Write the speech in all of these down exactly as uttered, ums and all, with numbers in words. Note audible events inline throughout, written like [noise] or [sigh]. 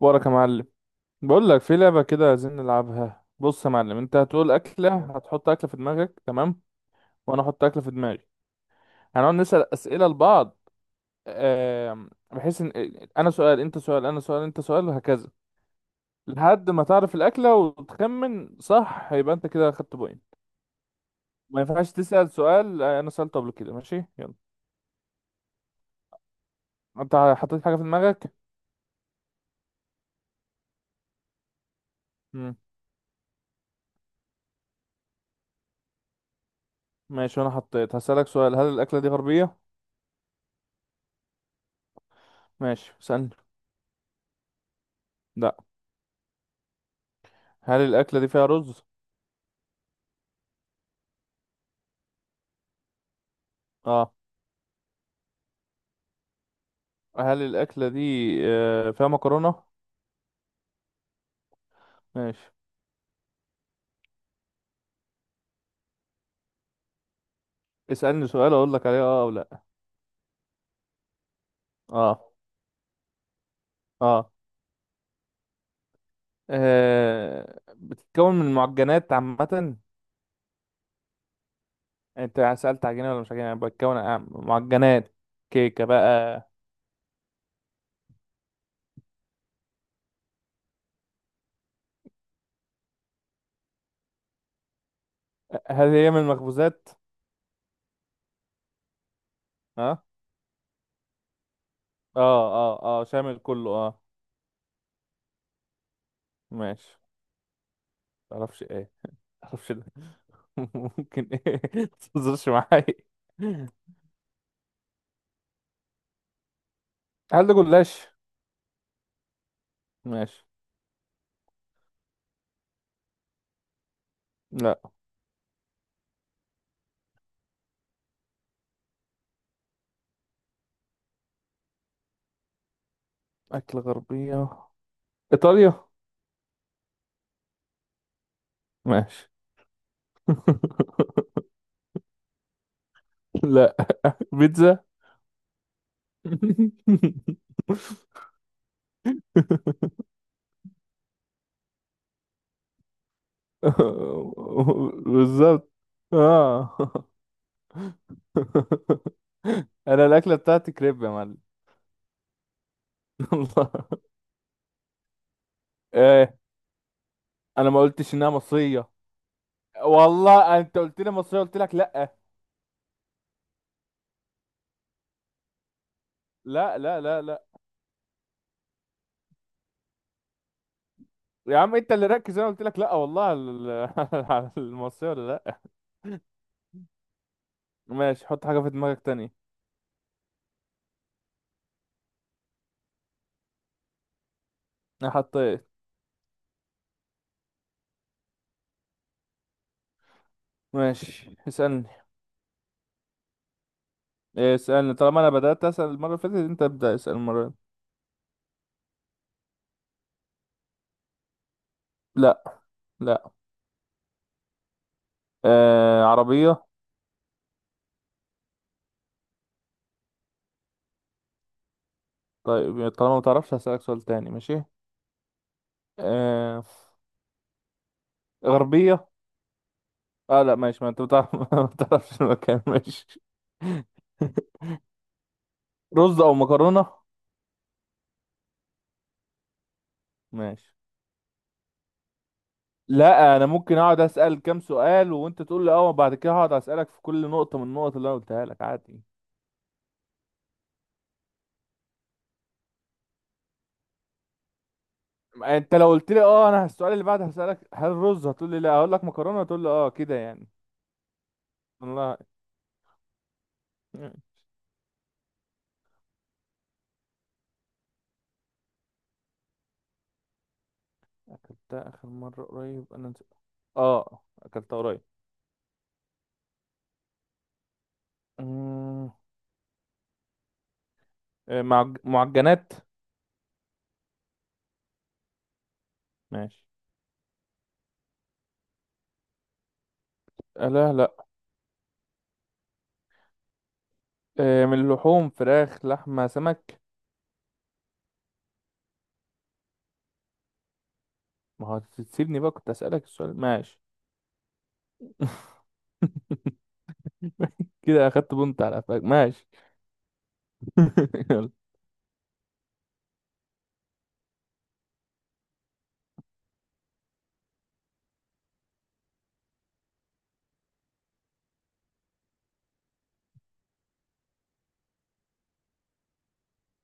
وراك يا معلم. بقول لك في لعبة كده عايزين نلعبها. بص يا معلم، انت هتقول أكلة، هتحط أكلة في دماغك، تمام. وانا احط أكلة في دماغي. هنقعد نسأل أسئلة لبعض آم، بحيث ان انا سؤال انت سؤال انا سؤال انت سؤال وهكذا. لحد ما تعرف الأكلة وتخمن صح يبقى انت كده خدت بوينت. ما ينفعش تسأل سؤال آه، انا سألته قبل كده. ماشي يلا. انت حطيت حاجة في دماغك؟ مم. ماشي وانا حطيت. هسألك سؤال، هل الأكلة دي غربية؟ ماشي اسألني. لا. هل الأكلة دي فيها رز؟ اه. هل الأكلة دي آه، فيها مكرونة؟ ماشي. اسألني سؤال أقول لك عليه أه أو لأ. أه، أه. آه، بتتكون من معجنات عامة يعني؟ أنت سألت عجينة ولا مش عجينة، يعني بتتكون عن- معجنات. كيكة بقى؟ آه، هل هي من المخبوزات؟ أه. أه أه، أه شامل كله، أه. ماشي. متعرفش إيه؟ متعرفش ده؟ [laughs] ممكن إيه؟ متهزرش معايا. هل ده جلاش؟ ماشي. لأ. أكل غربية؟ إيطاليا؟ ماشي. [laughs] لا. بيتزا. [laughs] بالظبط، اه. انا الاكله بتاعتي كريب يا معلم. والله؟ ايه، انا ما قلتش انها مصريه. والله انت قلت لي مصريه، قلت لك لا لا لا لا لا يا عم انت اللي ركز، انا قلت لك لا والله على ال- [laughs] على المصريه ولا لا. ماشي، حط حاجه في دماغك تانية. انا حطيت. ماشي اسالني. إيه، اسألني. طالما انا بدأت اسأل المرة اللي فاتت، انت ابدأ اسأل المرة دي. لا. لا. آه، عربية. طيب طالما ما تعرفش، هسألك سؤال تاني. ماشي. آه، غربية. اه لا ماشي، ما انت بتعرف. [laughs] ما تعرفش المكان. ماشي. رز او مكرونة؟ ماشي. لا، انا ممكن اقعد اسأل كام سؤال وانت تقول لي اه، وبعد كده هقعد اسألك في كل نقطة من النقط اللي انا قلتها لك عادي. انت لو قلت لي اه، انا السؤال اللي بعد هسألك هل رز، هتقول لي لا، هقول لك مكرونة، هتقول لي اه، كده يعني. الله. أكلتها آخر مرة قريب؟ أنا نسيت. آه، أكلتها قريب. أمم، آه، معج... معجنات؟ ماشي. آه لا لا. آه، من اللحوم، فراخ، لحمة، سمك؟ ما هو تسيبني بقى كنت أسألك السؤال، ماشي. [laughs] كده أخدت بنت على قفاك، ماشي. [laughs] يلا.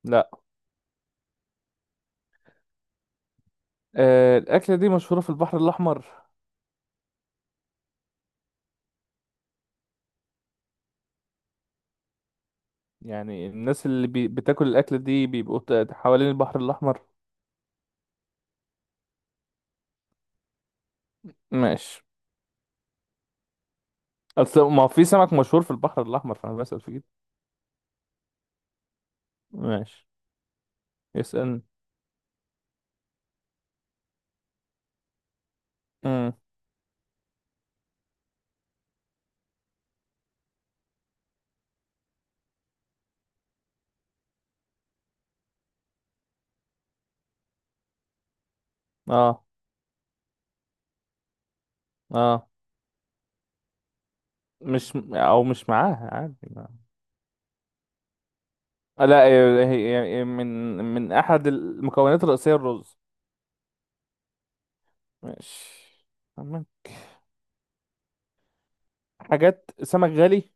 لا. آه، الأكلة دي مشهورة في البحر الأحمر؟ يعني الناس اللي بي... بتاكل الأكلة دي بيبقوا ت- حوالين البحر الأحمر. ماشي. أصل ما هو في سمك مشهور في البحر الأحمر، فأنا بسأل في كده. ماشي اسألني. امم. اه. اه، مش او مش معاها عادي ما. آه، لا هي هي- هي من من احد المكونات الرئيسيه الرز. ماشي. تمام. حاجات سمك غالي؟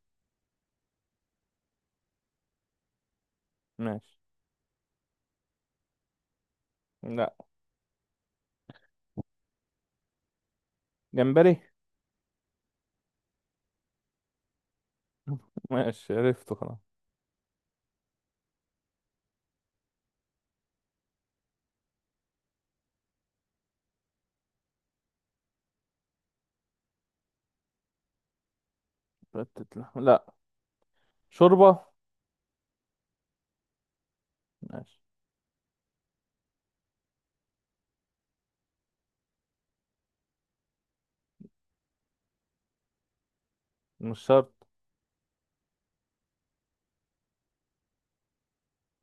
ماشي. لا. جمبري؟ ماشي، عرفته خلاص. فتت لحم؟ لا. شوربه؟ ماشي. مش شرط.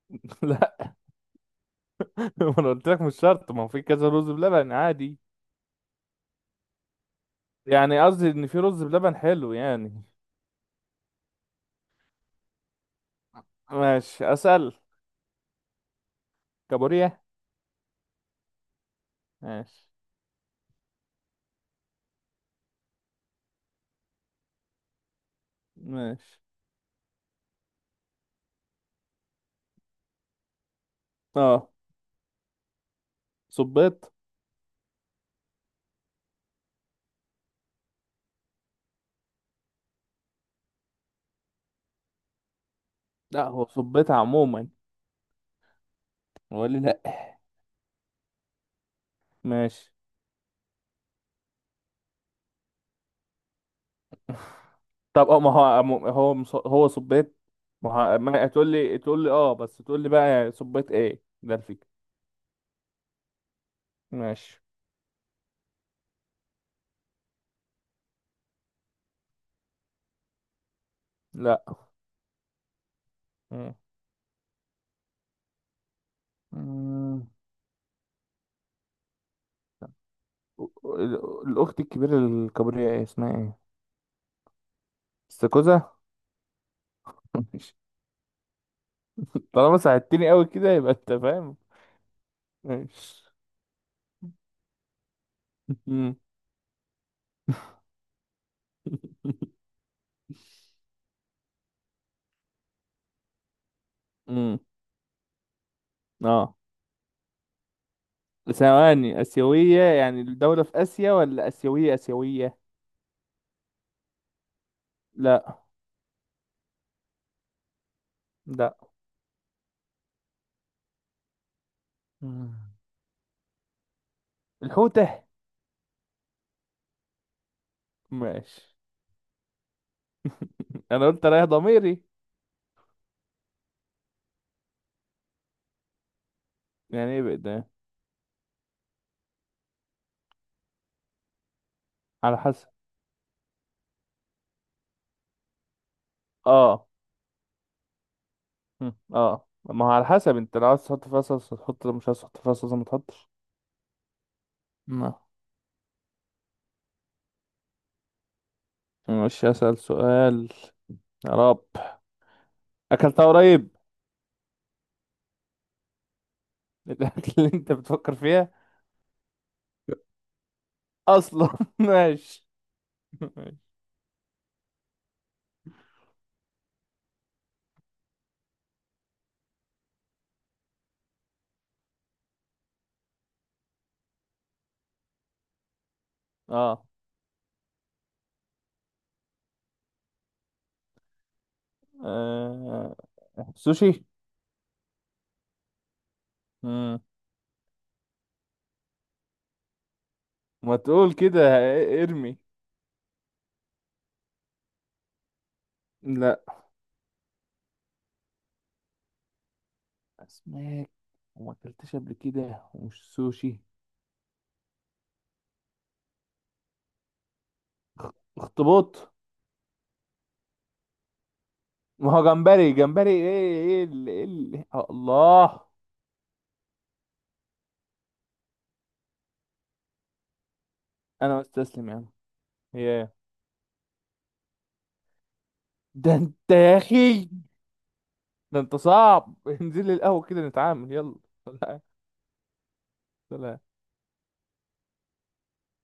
[laughs] لا، ما انا قلت لك مش شرط. ما هو في كذا رز بلبن عادي، يعني قصدي ان في رز بلبن حلو يعني. ماشي اسال. كابوريا؟ ماشي. ماشي. اه. صبيط؟ لا، هو صبيت عموما ولا لا؟ ماشي. طب اه، ما هو عمو- هو مص- هو صبيت؟ ما هو ما تقول لي، تقول لي اه بس، تقول لي بقى صبيت ايه، ده الفكرة. ماشي. لا. مم. مم. ال- الاخت الكبيرة، الكبرياء، ايه اسمها ايه؟ استاكوزا؟ [laughs] ماشي. طالما ساعدتني قوي كده يبقى انت فاهم. ماشي. مم. [laughs] مم. اه. ثواني، اسيوية يعني الدولة في اسيا، ولا اسيوية اسيوية؟ لا. لا. مم. الحوتة؟ ماشي. انا قلت رايح ضميري. يعني ايه بقى؟ على حسب. اه. مم. اه، ما هو على حسب، انت لو عايز تحط فيها صلصة تحط، لو مش عايز تحط فيها صلصة ما تحطش. ما. مش اسأل سؤال. يا رب. اكلتها قريب. [laughs] الاكل اللي انت بتفكر فيها اصلا. [laughs] ماشي. ماشي. اه. آه، سوشي؟ مم. ما تقول كده، ه- ارمي. لا، اسماك، وما اكلتش قبل كده، ومش سوشي. اخطبوط؟ ما هو جمبري جمبري، ايه، ايه ال- ايه ال- الله. انا مستسلم يا عم. ياه. ده انت يا اخي، ده انت صعب. [laughs] انزل لي القهوة كده نتعامل، يلا. سلام. سلام.